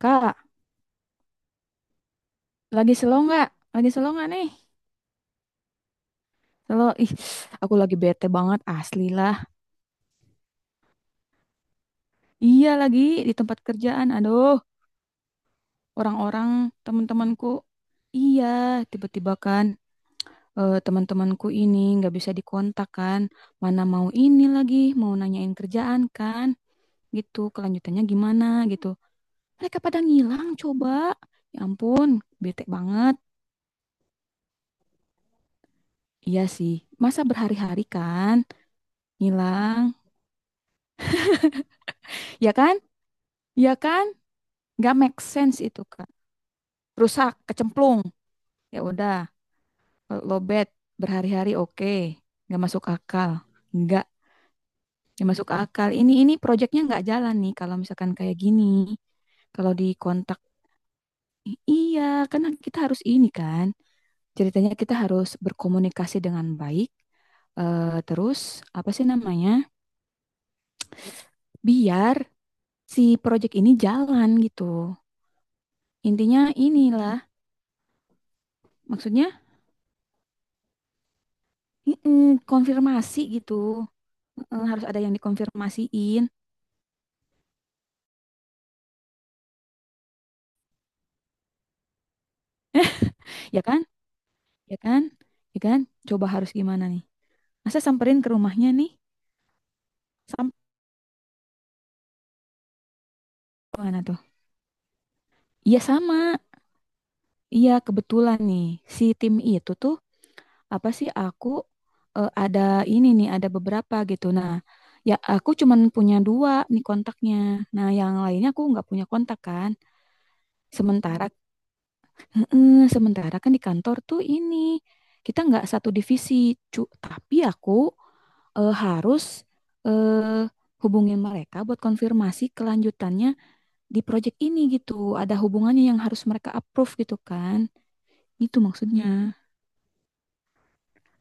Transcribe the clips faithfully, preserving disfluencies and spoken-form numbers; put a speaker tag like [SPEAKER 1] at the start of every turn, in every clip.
[SPEAKER 1] Kak, lagi slow nggak? Lagi slow nggak nih? Slow, ih, aku lagi bete banget, asli lah. Iya lagi di tempat kerjaan, aduh, orang-orang teman-temanku, iya, tiba-tiba kan eh, teman-temanku ini nggak bisa dikontak kan, mana mau ini lagi, mau nanyain kerjaan kan, gitu, kelanjutannya gimana gitu. Mereka pada ngilang, coba. Ya ampun, bete banget. Iya sih, masa berhari-hari kan, ngilang, ya kan? Ya kan? Nggak make sense itu, Kak. Rusak, kecemplung. Ya udah, lobet berhari-hari oke, nggak masuk akal. Nggak, nggak masuk akal. Ini ini proyeknya nggak jalan nih kalau misalkan kayak gini. Kalau di kontak, iya kan kita harus ini kan. Ceritanya kita harus berkomunikasi dengan baik. Eh, terus apa sih namanya? Biar si proyek ini jalan gitu. Intinya inilah, maksudnya mm, mm, konfirmasi gitu. Heeh, harus ada yang dikonfirmasiin, ya kan? Ya kan? Ya kan? Coba harus gimana nih? Masa samperin ke rumahnya nih? Sampai gimana tuh? Iya sama. Iya kebetulan nih si tim itu tuh apa sih aku eh, ada ini nih ada beberapa gitu. Nah, ya aku cuman punya dua nih kontaknya. Nah, yang lainnya aku nggak punya kontak kan. Sementara Heeh, sementara kan di kantor tuh ini kita nggak satu divisi, cu. Tapi aku eh, harus eh, hubungin mereka buat konfirmasi kelanjutannya di project ini gitu. Ada hubungannya yang harus mereka approve gitu kan? Itu maksudnya.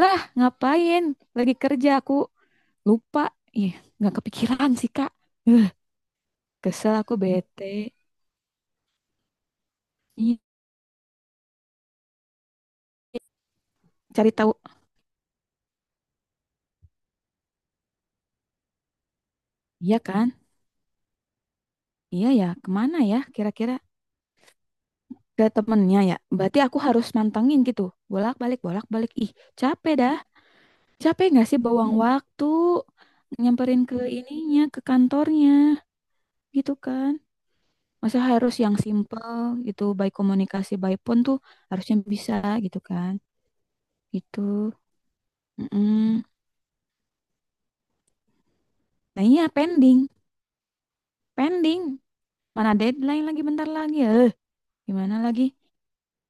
[SPEAKER 1] Lah, ngapain? Lagi kerja aku lupa. Ih, nggak kepikiran sih, Kak. Eh, Kesel aku bete. Ih, cari tahu. Iya kan? Iya ya, kemana ya kira-kira? Ke temennya ya. Berarti aku harus mantengin gitu. Bolak-balik, bolak-balik. Ih, capek dah. Capek nggak sih bawang waktu nyamperin ke ininya, ke kantornya gitu kan. Masa harus yang simple gitu, baik komunikasi, baik pun tuh harusnya bisa gitu kan. Gitu. Mm-mm. Nah iya pending, pending. Mana deadline lagi bentar lagi. Eh, gimana lagi?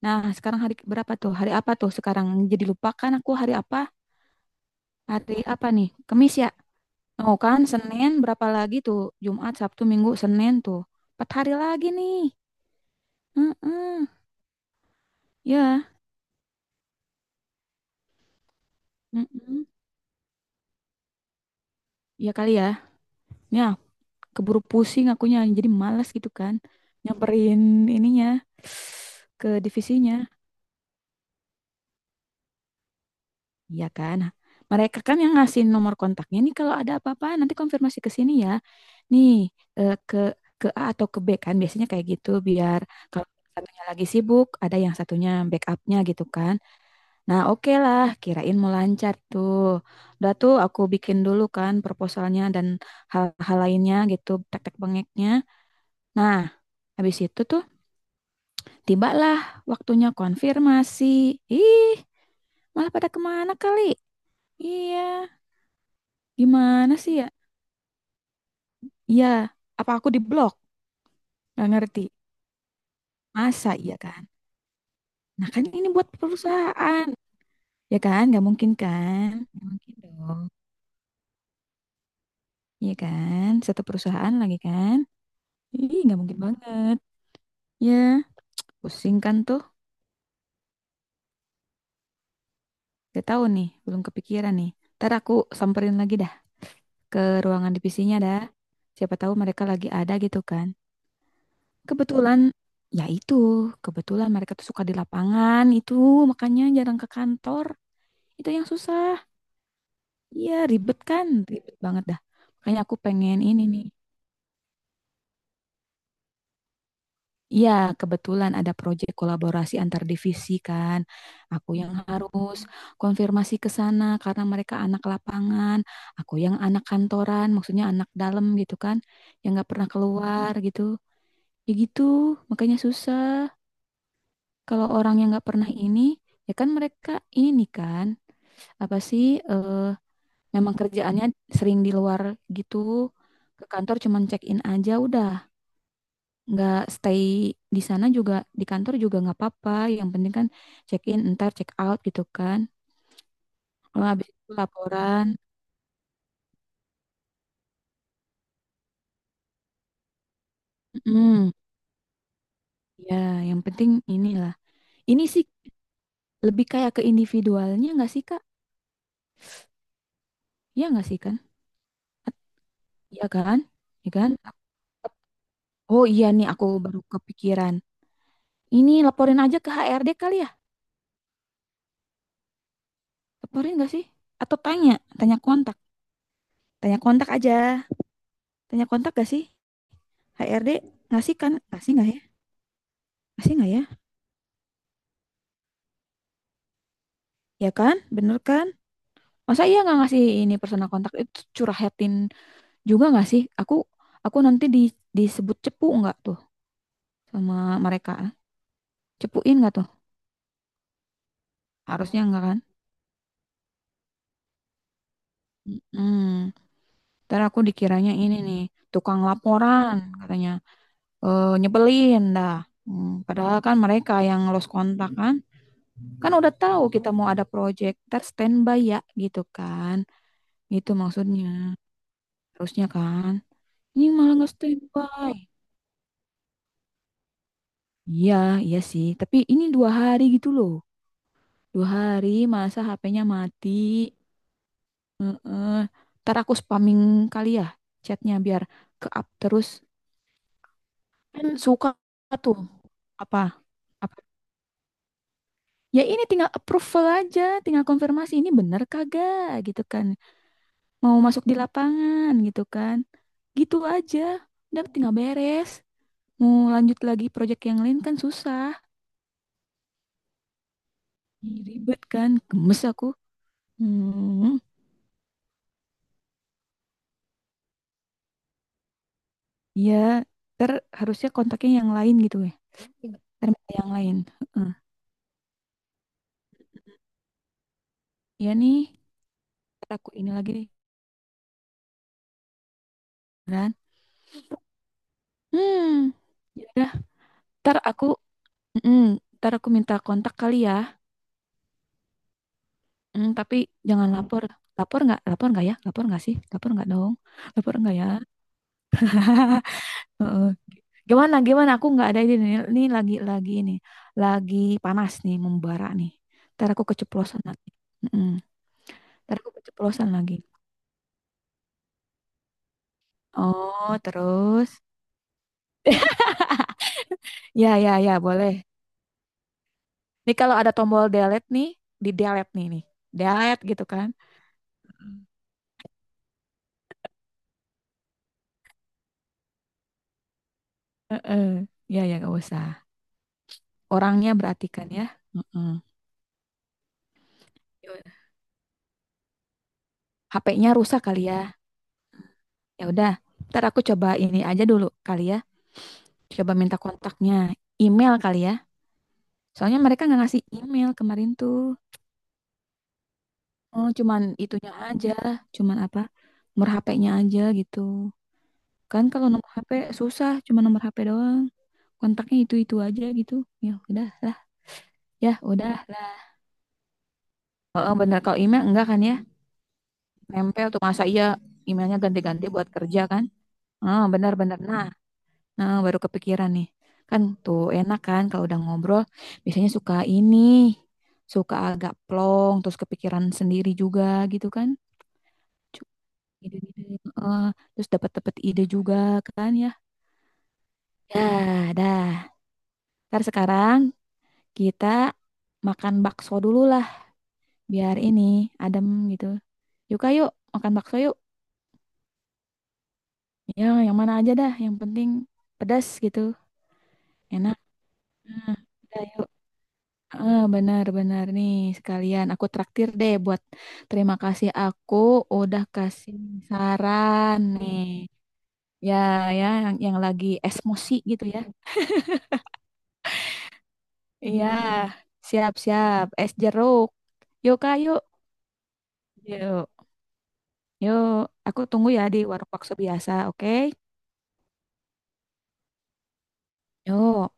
[SPEAKER 1] Nah, sekarang hari berapa tuh? Hari apa tuh sekarang? Jadi lupakan aku hari apa? Hari apa nih? Kamis ya? Oh kan, Senin berapa lagi tuh? Jumat, Sabtu, Minggu, Senin tuh. Empat hari lagi nih. Heeh. Ya. Heeh. Ya kali ya. Ya, keburu pusing akunya. Jadi malas gitu kan. Nyamperin ininya ke divisinya. Iya kan. Nah, mereka kan yang ngasih nomor kontaknya nih. Kalau ada apa-apa nanti konfirmasi ke sini ya. Nih, eh, ke ke A atau ke B kan. Biasanya kayak gitu biar kalau satunya lagi sibuk, ada yang satunya backupnya gitu kan. Nah, oke lah, kirain mau lancar tuh. Udah tuh aku bikin dulu kan proposalnya dan hal-hal lainnya gitu, tek-tek bengeknya. Nah, habis itu tuh tibalah waktunya konfirmasi. Ih, malah pada kemana kali? Iya, gimana sih ya? Iya, apa aku di blok? Gak ngerti. Masa iya kan? Nah kan ini buat perusahaan. Ya kan? Gak mungkin kan? Gak mungkin dong. Iya kan? Satu perusahaan lagi kan? Ih, gak mungkin banget. Ya, pusing kan tuh. Gak tahu nih, belum kepikiran nih. Ntar aku samperin lagi dah ke ruangan divisinya dah. Siapa tahu mereka lagi ada gitu kan. Kebetulan, ya itu. Kebetulan mereka tuh suka di lapangan itu. Makanya jarang ke kantor. Itu yang susah. Iya, ribet kan. Ribet banget dah. Makanya aku pengen ini nih. Iya, kebetulan ada proyek kolaborasi antar divisi kan. Aku yang harus konfirmasi ke sana karena mereka anak lapangan, aku yang anak kantoran, maksudnya anak dalam gitu kan, yang nggak pernah keluar gitu. Ya gitu, makanya susah. Kalau orang yang nggak pernah ini, ya kan mereka ini kan apa sih? eh, Memang kerjaannya sering di luar gitu. Ke kantor cuman check in aja udah nggak stay di sana juga di kantor juga nggak apa-apa yang penting kan check in ntar check out gitu kan kalau habis itu laporan. mm, Ya yang penting inilah, ini sih lebih kayak ke individualnya nggak sih kak, ya nggak sih kan, ya kan, ya kan. Oh iya nih aku baru kepikiran, ini laporin aja ke H R D kali ya, laporin nggak sih, atau tanya, tanya kontak, tanya kontak aja, tanya kontak gak sih H R D ngasih kan, ngasih nggak ya, ngasih nggak ya, ya kan bener kan. Masa iya nggak ngasih ini personal kontak itu curhatin juga nggak sih? Aku aku nanti di, disebut cepu nggak tuh sama mereka? Cepuin nggak tuh? Harusnya nggak kan? Hmm, ntar aku dikiranya ini nih tukang laporan katanya, eh, nyebelin dah. Hmm, padahal kan mereka yang lost kontak kan, kan udah tahu kita mau ada project, ntar standby ya gitu kan, itu maksudnya harusnya kan. Ini malah nggak standby. Iya, iya sih. Tapi ini dua hari gitu loh. Dua hari masa H P-nya mati. Heeh. Ntar aku spamming kali ya chatnya biar ke up terus. Kan suka tuh. Apa? Apa? Ya ini tinggal approval aja. Tinggal konfirmasi ini bener kagak gitu kan. Mau masuk di lapangan gitu kan. Gitu aja. Udah tinggal beres. Mau lanjut lagi project yang lain kan susah. Ih, ribet kan. Gemes aku. Hmm. Iya, ter harusnya kontaknya yang lain gitu ya. Ter minta yang lain. Heeh. Iya nih, ntar aku ini lagi nih. Beneran. Hmm. Ya udah, ntar aku mm, ntar aku minta kontak kali ya. Mm, tapi jangan lapor. Lapor nggak? Lapor nggak ya? Lapor nggak sih? Lapor nggak dong? Lapor nggak ya? Heeh. Gimana? Gimana? Aku nggak ada ide nih. Ini lagi lagi ini. Lagi panas nih, membara nih. Ntar aku keceplosan lagi. Mm, Ntar aku keceplosan lagi. Oh, terus? Ya, ya, ya, boleh. Nih kalau ada tombol delete nih, di delete nih nih. Delete gitu kan. Heeh. Ya, ya, gak usah. Orangnya berarti kan ya. Heeh. H P-nya rusak kali ya. Ya udah, ntar aku coba ini aja dulu kali ya. Coba minta kontaknya, email kali ya. Soalnya mereka nggak ngasih email kemarin tuh. Oh, cuman itunya aja, cuman apa? Nomor H P-nya aja gitu. Kan kalau nomor H P susah, cuma nomor H P doang. Kontaknya itu-itu aja gitu. Ya udah. Ya, udah lah. Oh, bener. Kalau email enggak kan ya? Nempel tuh. Masa iya emailnya ganti-ganti buat kerja kan? Oh, benar-benar. Nah, nah, baru kepikiran nih. Kan tuh enak kan kalau udah ngobrol. Biasanya suka ini. Suka agak plong. Terus kepikiran sendiri juga gitu kan. Cu- Ide-ide. Heeh. Terus dapat-dapat ide juga kan ya. Ya, dah. Ntar sekarang kita makan bakso dulu lah. Biar ini adem gitu. Yuk, yuk. Makan bakso yuk. Ya, yang mana aja dah. Yang penting pedas gitu. Enak. Nah, udah yuk. Ah, benar-benar nih sekalian. Aku traktir deh buat terima kasih aku udah kasih saran nih. Ya, ya yang, yang lagi esmosi gitu ya. Iya, siap-siap. Es jeruk. Yuk, Kak, yuk. Yuk, yuk. Aku tunggu ya di warung bakso biasa, oke? Yuk.